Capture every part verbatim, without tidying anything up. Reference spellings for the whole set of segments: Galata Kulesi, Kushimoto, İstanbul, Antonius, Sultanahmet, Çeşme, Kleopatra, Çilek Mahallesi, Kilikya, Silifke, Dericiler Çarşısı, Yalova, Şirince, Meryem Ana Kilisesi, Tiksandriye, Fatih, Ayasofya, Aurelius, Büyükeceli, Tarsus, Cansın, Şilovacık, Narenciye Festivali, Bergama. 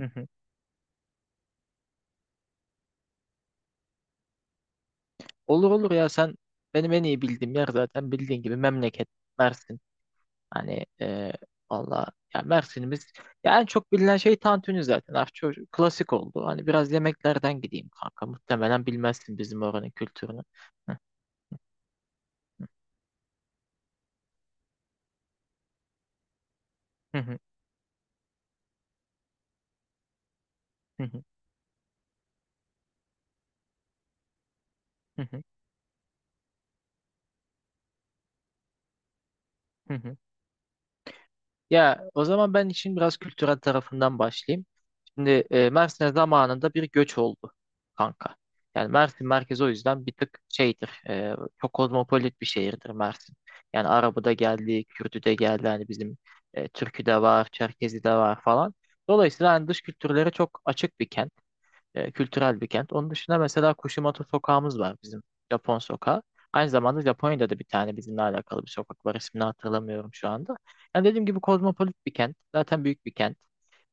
Hı hı. Olur olur, ya sen benim en iyi bildiğim yer zaten bildiğin gibi memleket Mersin. Hani e, valla ya Mersin'imiz, ya en çok bilinen şey tantuni zaten. Artık çok klasik oldu. Hani biraz yemeklerden gideyim kanka. Muhtemelen bilmezsin bizim oranın kültürünü. Hı hı, hı hı, hı hı, hı hı. Ya o zaman ben işin biraz kültürel tarafından başlayayım. Şimdi e, Mersin'e zamanında bir göç oldu kanka. Yani Mersin merkezi o yüzden bir tık şeydir. E, çok kozmopolit bir şehirdir Mersin. Yani Arabı da geldi, Kürdü de geldi. Hani bizim e, Türkü de var, Çerkezi de var falan. Dolayısıyla hani dış kültürlere çok açık bir kent. E, kültürel bir kent. Onun dışında mesela Kushimoto sokağımız var bizim, Japon sokağı. Aynı zamanda Japonya'da da bir tane bizimle alakalı bir sokak var. İsmini hatırlamıyorum şu anda. Yani dediğim gibi kozmopolit bir kent. Zaten büyük bir kent.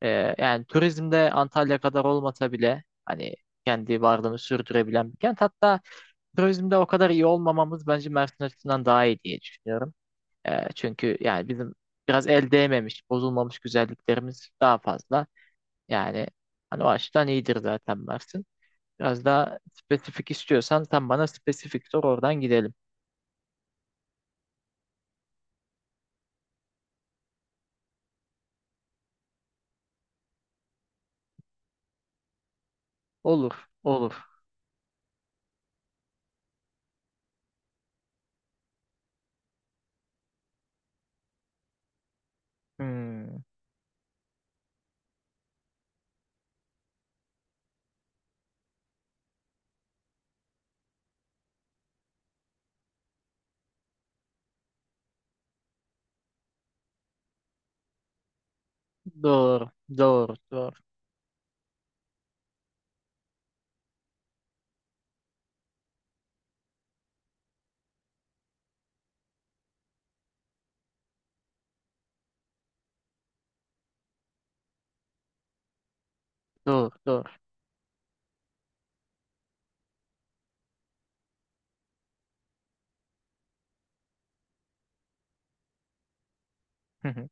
E, Yani turizmde Antalya kadar olmasa bile hani kendi varlığını sürdürebilen bir kent. Hatta turizmde o kadar iyi olmamamız bence Mersin açısından daha iyi diye düşünüyorum. E, çünkü yani bizim biraz el değmemiş, bozulmamış güzelliklerimiz daha fazla. Yani hani o açıdan iyidir zaten Mersin. Biraz daha spesifik istiyorsan sen bana spesifik sor, oradan gidelim. Olur, olur. Hmm, doğru, doğru, doğru, doğru, doğru. Hı hı.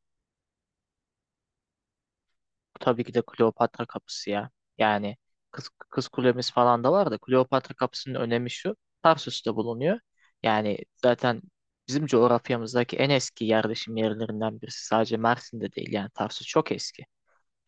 Tabii ki de Kleopatra kapısı ya. Yani kız, kız kulemiz falan da var da Kleopatra kapısının önemi şu. Tarsus'ta bulunuyor. Yani zaten bizim coğrafyamızdaki en eski yerleşim yerlerinden birisi. Sadece Mersin'de değil yani Tarsus çok eski.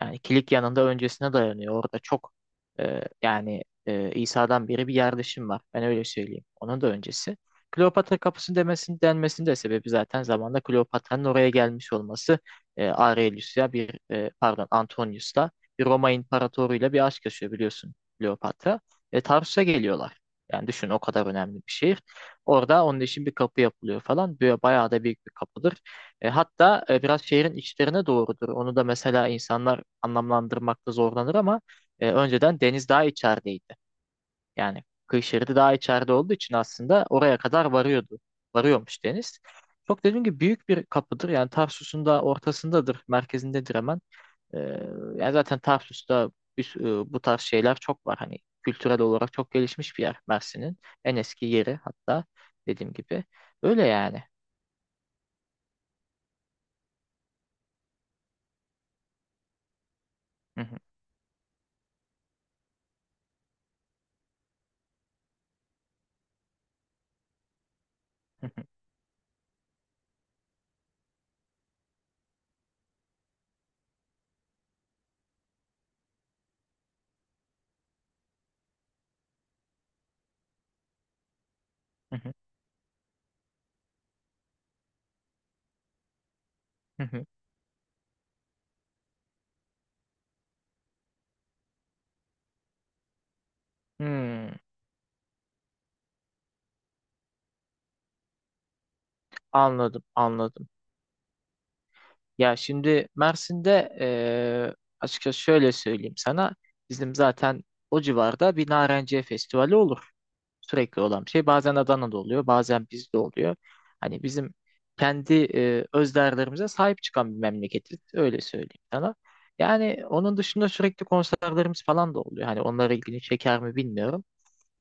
Yani Kilikya'nın da öncesine dayanıyor. Orada çok e, yani e, İsa'dan beri bir yerleşim var. Ben öyle söyleyeyim. Onun da öncesi. Kleopatra kapısı demesinin denmesinin de sebebi zaten zamanda Kleopatra'nın oraya gelmiş olması. E, Aurelius'la bir e, pardon, Antonius'la, bir Roma imparatoruyla bir aşk yaşıyor biliyorsun Kleopatra. E, Tarsus'a geliyorlar. Yani düşün o kadar önemli bir şehir. Orada onun için bir kapı yapılıyor falan. Böyle bayağı da büyük bir kapıdır. E, hatta e, biraz şehrin içlerine doğrudur. Onu da mesela insanlar anlamlandırmakta zorlanır ama e, önceden deniz daha içerideydi. Yani kıyı şeridi daha içeride olduğu için aslında oraya kadar varıyordu. Varıyormuş deniz. Çok dediğim gibi büyük bir kapıdır. Yani Tarsus'un da ortasındadır, merkezindedir hemen. E, Yani zaten Tarsus'ta bir sü- e, bu tarz şeyler çok var. Hani kültürel olarak çok gelişmiş bir yer Mersin'in. En eski yeri hatta, dediğim gibi. Öyle yani. Hı hı, hı hı, hı hı, hı hı. Hmm. Anladım, anladım. Ya şimdi Mersin'de eee açıkçası şöyle söyleyeyim sana. Bizim zaten o civarda bir Narenciye Festivali olur. Sürekli olan bir şey. Bazen Adana'da oluyor, bazen bizde oluyor. Hani bizim kendi eee öz değerlerimize sahip çıkan bir memleketiz. Öyle söyleyeyim sana. Yani onun dışında sürekli konserlerimiz falan da oluyor. Hani onlara ilgini çeker mi bilmiyorum.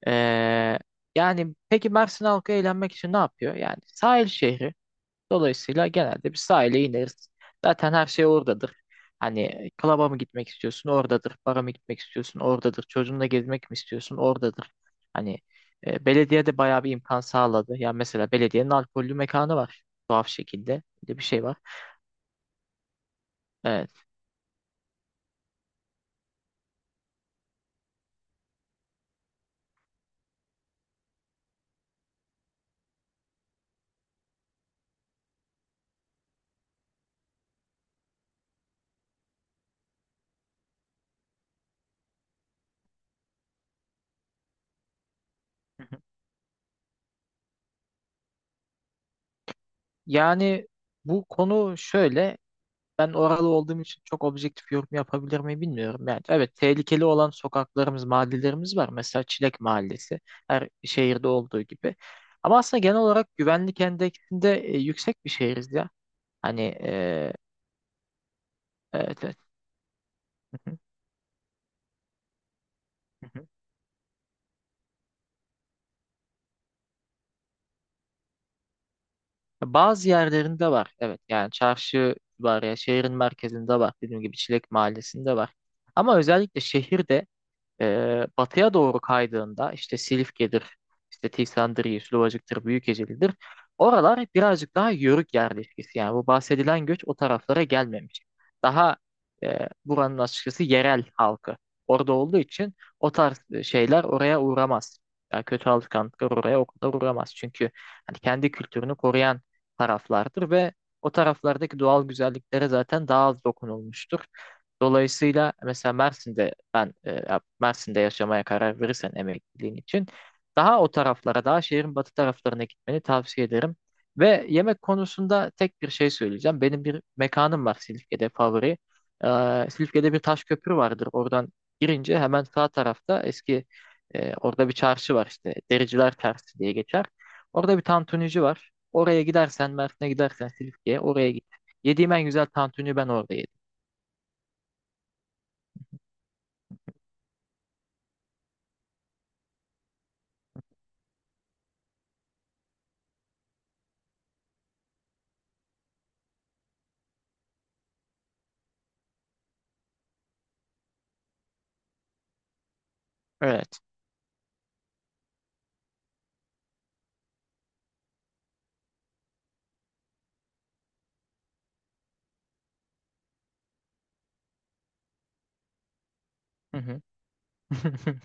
Eee, Yani peki Mersin halkı eğlenmek için ne yapıyor? Yani sahil şehri. Dolayısıyla genelde bir sahile ineriz. Zaten her şey oradadır. Hani klaba mı gitmek istiyorsun, oradadır. Bara mı gitmek istiyorsun, oradadır. Çocuğunla gezmek mi istiyorsun, oradadır. Hani e, belediye de bayağı bir imkan sağladı. Yani mesela belediyenin alkollü mekanı var. Tuhaf şekilde. Bir de bir şey var. Evet. Hı hı. Yani bu konu şöyle. Ben oralı olduğum için çok objektif yorum yapabilir miyim bilmiyorum. Yani evet, tehlikeli olan sokaklarımız, mahallelerimiz var. Mesela Çilek Mahallesi, her şehirde olduğu gibi. Ama aslında genel olarak güvenlik endeksinde e, yüksek bir şehiriz ya. Hani e, evet, evet. Hı hı, hı hı. Bazı yerlerinde var. Evet yani çarşı, var ya şehrin merkezinde, var. Dediğim gibi Çilek Mahallesi'nde var. Ama özellikle şehirde Ee, batıya doğru kaydığında, işte Silifke'dir, işte Tiksandriye, Şilovacık'tır, Büyükeceli'dir. Oralar birazcık daha yörük yerleşkesi. Yani bu bahsedilen göç o taraflara gelmemiş. Daha e, buranın açıkçası yerel halkı orada olduğu için o tarz şeyler oraya uğramaz. Yani kötü alışkanlıklar oraya o kadar uğramaz. Çünkü hani kendi kültürünü koruyan taraflardır ve o taraflardaki doğal güzelliklere zaten daha az dokunulmuştur. Dolayısıyla mesela Mersin'de ben e, ya Mersin'de yaşamaya karar verirsen emekliliğin için daha o taraflara, daha şehrin batı taraflarına gitmeni tavsiye ederim. Ve yemek konusunda tek bir şey söyleyeceğim. Benim bir mekanım var Silifke'de, favori. Ee, Silifke'de bir taş köprü vardır. Oradan girince hemen sağ tarafta eski e, orada bir çarşı var işte. Dericiler Çarşısı diye geçer. Orada bir tantunici var. Oraya gidersen, Mersin'e gidersen Silifke'ye oraya git. Yediğim en güzel tantuni ben orada yedim. Evet. Hı hı.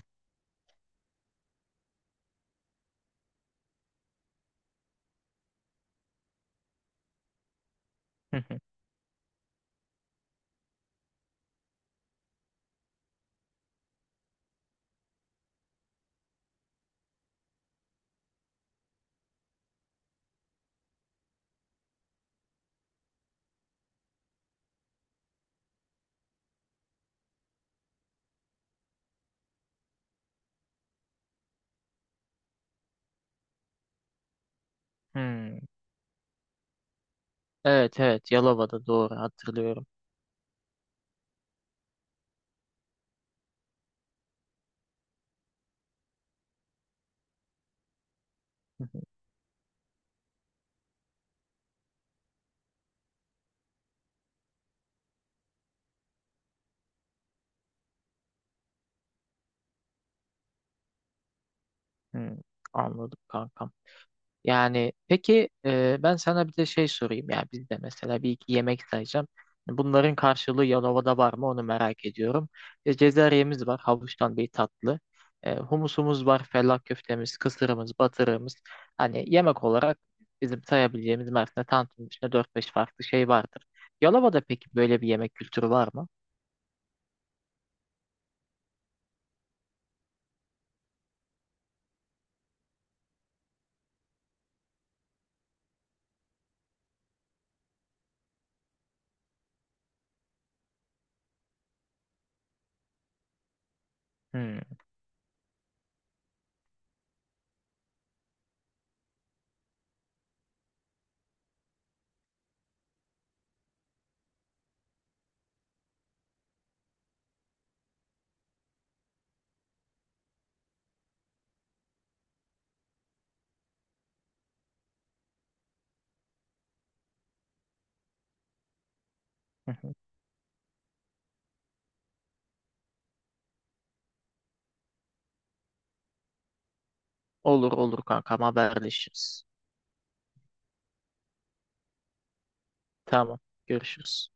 Hmm. Evet, evet, Yalova'da doğru hatırlıyorum. Hmm. Anladım kankam. Yani peki e, ben sana bir de şey sorayım, ya bizde mesela bir iki yemek sayacağım. Bunların karşılığı Yalova'da var mı onu merak ediyorum. E, Cezeryemiz var, havuçtan bir tatlı. E, humusumuz var, fellah köftemiz, kısırımız, batırığımız. Hani yemek olarak bizim sayabileceğimiz Mersin'de tantının dört beş farklı şey vardır. Yalova'da peki böyle bir yemek kültürü var mı? Hmm. Olur olur kankam, haberleşiriz. Tamam, görüşürüz.